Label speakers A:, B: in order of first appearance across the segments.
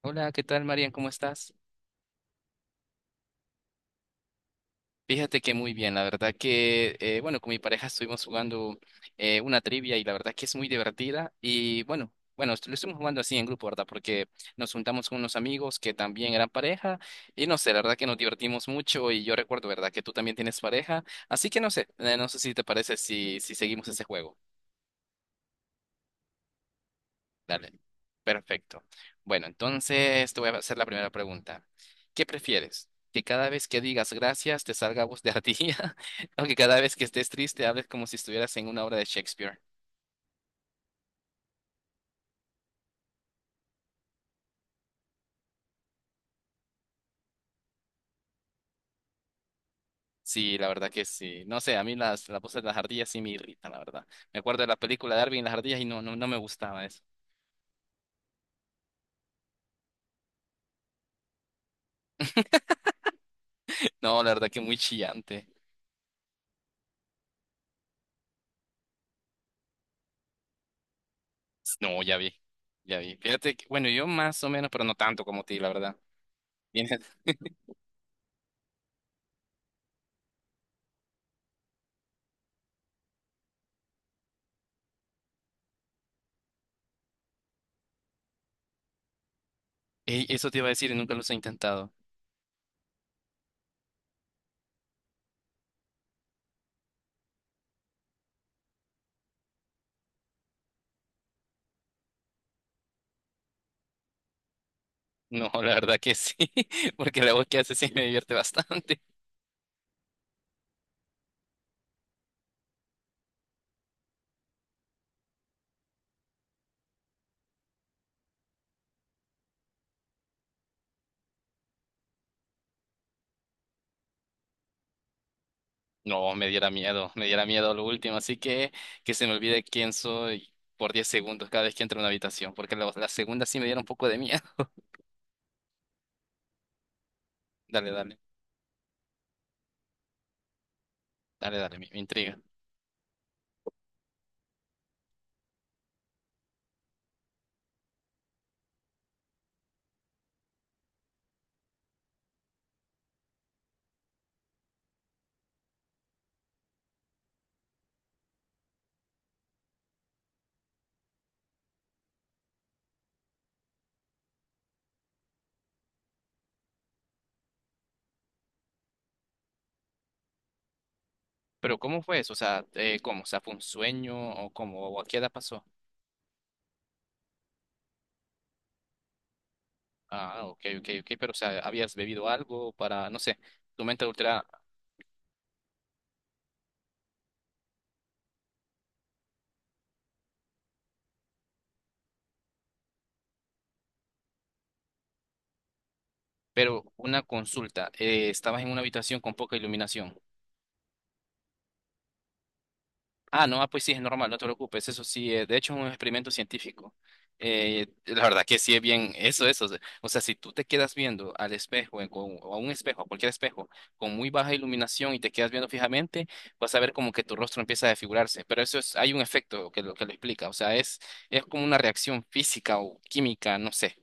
A: Hola, ¿qué tal, Marian? ¿Cómo estás? Fíjate que muy bien, la verdad que, bueno, con mi pareja estuvimos jugando una trivia y la verdad que es muy divertida y bueno, lo estuvimos jugando así en grupo, ¿verdad? Porque nos juntamos con unos amigos que también eran pareja y no sé, la verdad que nos divertimos mucho y yo recuerdo, ¿verdad? Que tú también tienes pareja, así que no sé, no sé si te parece si seguimos ese juego. Dale. Perfecto. Bueno, entonces te voy a hacer la primera pregunta. ¿Qué prefieres? ¿Que cada vez que digas gracias te salga voz de ardilla? ¿O que cada vez que estés triste hables como si estuvieras en una obra de Shakespeare? Sí, la verdad que sí. No sé, a mí las voces de las ardillas sí me irritan, la verdad. Me acuerdo de la película de Darwin y las ardillas y no, no, no me gustaba eso. No, la verdad que muy chillante. No, ya vi, ya vi. Fíjate que, bueno, yo más o menos, pero no tanto como ti, la verdad. Tienes- Ey, eso te iba a decir y nunca los he intentado. No, la verdad que sí, porque la voz que hace sí me divierte bastante. No, me diera miedo lo último, así que se me olvide quién soy por 10 segundos cada vez que entro a una habitación, porque la segunda sí me diera un poco de miedo. Dale, dale, dale, dale, me intriga. Pero ¿cómo fue eso? O sea, ¿cómo? O sea, ¿fue un sueño o cómo? ¿O a qué edad pasó? Ah, ok, ok, ok, pero o sea, ¿habías bebido algo para, no sé, tu mente adulterada? Pero una consulta, ¿estabas en una habitación con poca iluminación? Ah, no, ah, pues sí, es normal, no te preocupes. Eso sí, de hecho es un experimento científico. La verdad que sí es bien, eso, eso. O sea, si tú te quedas viendo al espejo, o a un espejo, a cualquier espejo, con muy baja iluminación y te quedas viendo fijamente, vas a ver como que tu rostro empieza a desfigurarse. Pero eso es, hay un efecto que lo explica. O sea, es como una reacción física o química, no sé.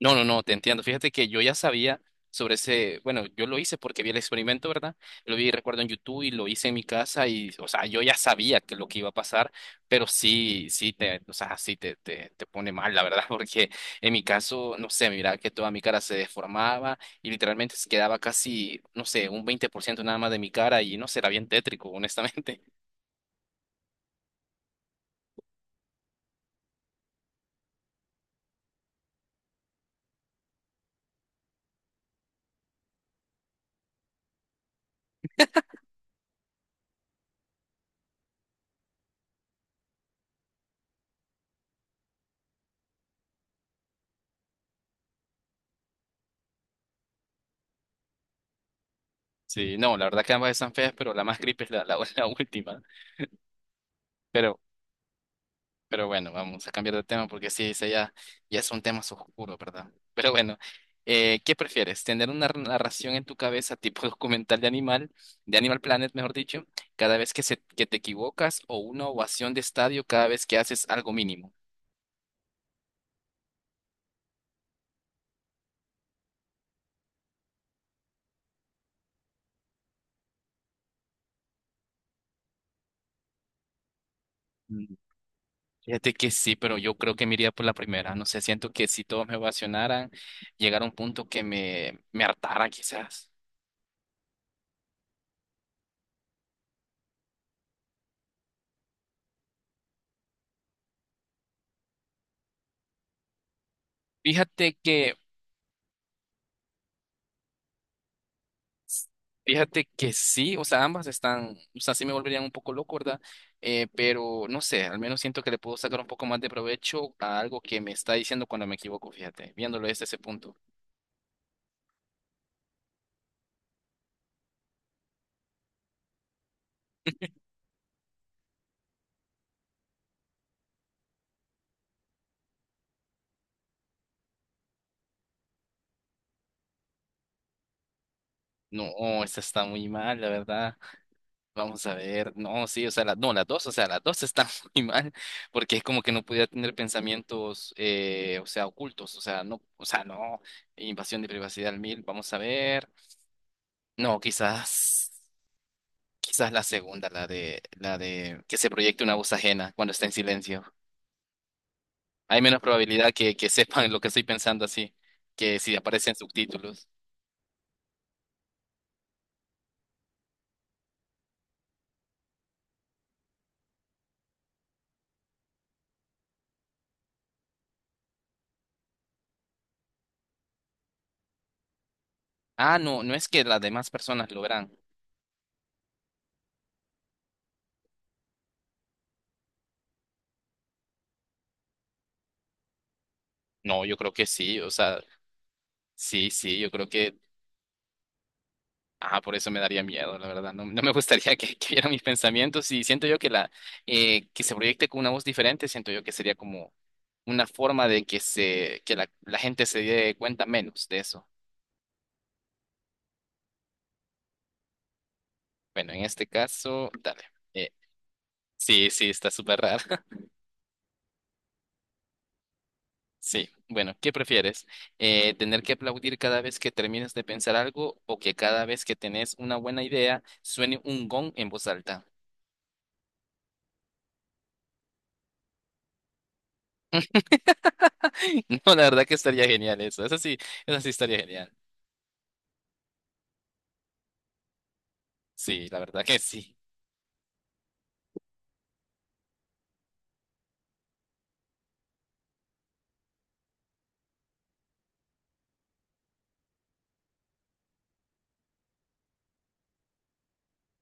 A: No, no, no, te entiendo. Fíjate que yo ya sabía sobre ese, bueno, yo lo hice porque vi el experimento, ¿verdad? Lo vi, recuerdo, en YouTube y lo hice en mi casa y, o sea, yo ya sabía que lo que iba a pasar, pero sí, sí te, o sea, sí te, te pone mal, la verdad, porque en mi caso, no sé, mira que toda mi cara se deformaba y literalmente se quedaba casi, no sé, un 20% nada más de mi cara y no sé, era bien tétrico, honestamente. Sí, no, la verdad que ambas están feas, pero la más creepy es la la última. Pero Pero bueno, vamos a cambiar de tema porque sí, ya es un tema oscuro, ¿verdad? Pero bueno, ¿qué prefieres? ¿Tener una narración en tu cabeza tipo documental de Animal Planet, mejor dicho, cada vez que, que te equivocas o una ovación de estadio cada vez que haces algo mínimo? Mm, Fíjate que sí, pero yo creo que me iría por la primera. No sé, siento que si todos me ovacionaran, llegar a un punto que me hartara quizás. Fíjate que Fíjate que sí, o sea, ambas están, o sea, sí me volverían un poco loco, ¿verdad? Pero no sé, al menos siento que le puedo sacar un poco más de provecho a algo que me está diciendo cuando me equivoco, fíjate, viéndolo desde ese punto. No, esta está muy mal, la verdad. Vamos a ver, no, sí, o sea, no, las dos, o sea, las dos están muy mal, porque es como que no podía tener pensamientos, o sea, ocultos, o sea, no, invasión de privacidad al mil, vamos a ver. No, quizás. Quizás la segunda, la de que se proyecte una voz ajena cuando está en silencio. Hay menos probabilidad que sepan lo que estoy pensando así, que si aparecen subtítulos. Ah, no, no es que las demás personas lo verán. No, yo creo que sí, o sea, sí, sí, yo creo que, ah, por eso me daría miedo, la verdad. No, no me gustaría que vieran mis pensamientos y siento yo que la, que se proyecte con una voz diferente, siento yo que sería como una forma de que que la gente se dé cuenta menos de eso. Bueno, en este caso, dale. Sí, sí, está súper raro. Sí, bueno, ¿qué prefieres? ¿Tener que aplaudir cada vez que termines de pensar algo o que cada vez que tenés una buena idea suene un gong en voz alta? No, la verdad que estaría genial eso. Eso sí estaría genial. Sí, la verdad que sí.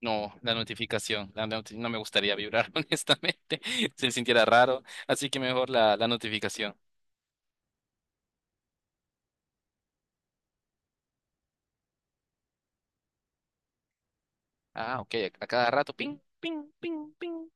A: No, la notificación, la noti- no me gustaría vibrar, honestamente. Se sintiera raro, así que mejor la notificación. Ah, ok, a cada rato, ping, ping.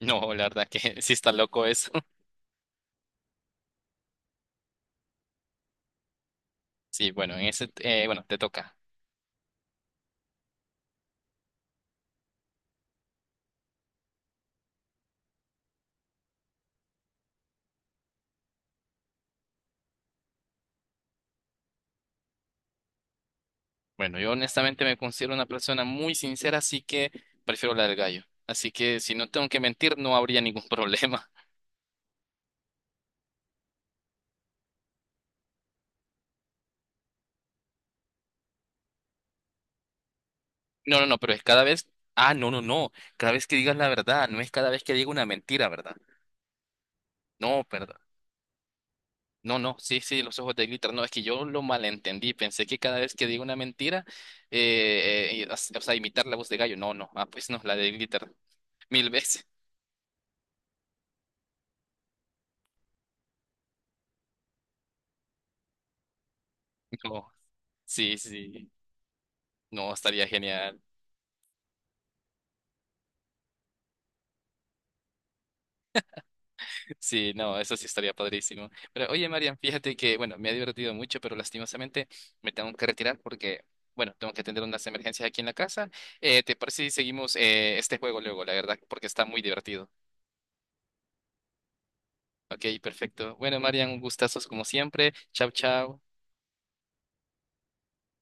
A: No, la verdad que sí está loco eso. Sí, bueno, en ese, bueno, te toca. Bueno, yo honestamente me considero una persona muy sincera, así que prefiero la del gallo. Así que si no tengo que mentir, no habría ningún problema. No, no, no, pero es cada vez. Ah, no, no, no. Cada vez que digas la verdad, no es cada vez que diga una mentira, ¿verdad? No, perdón. No, no, sí, sí, los ojos de glitter. No, es que yo lo malentendí. Pensé que cada vez que digo una mentira, o sea, imitar la voz de gallo. No, no. Ah, pues no, la de glitter. Mil veces. No, sí, sí. No, estaría genial. Sí, no, eso sí estaría padrísimo. Pero oye, Marian, fíjate que, bueno, me ha divertido mucho, pero lastimosamente me tengo que retirar porque, bueno, tengo que atender unas emergencias aquí en la casa. ¿Te parece si seguimos este juego luego, la verdad? Porque está muy divertido. Ok, perfecto. Bueno, Marian, un gustazo como siempre. Chao, chao.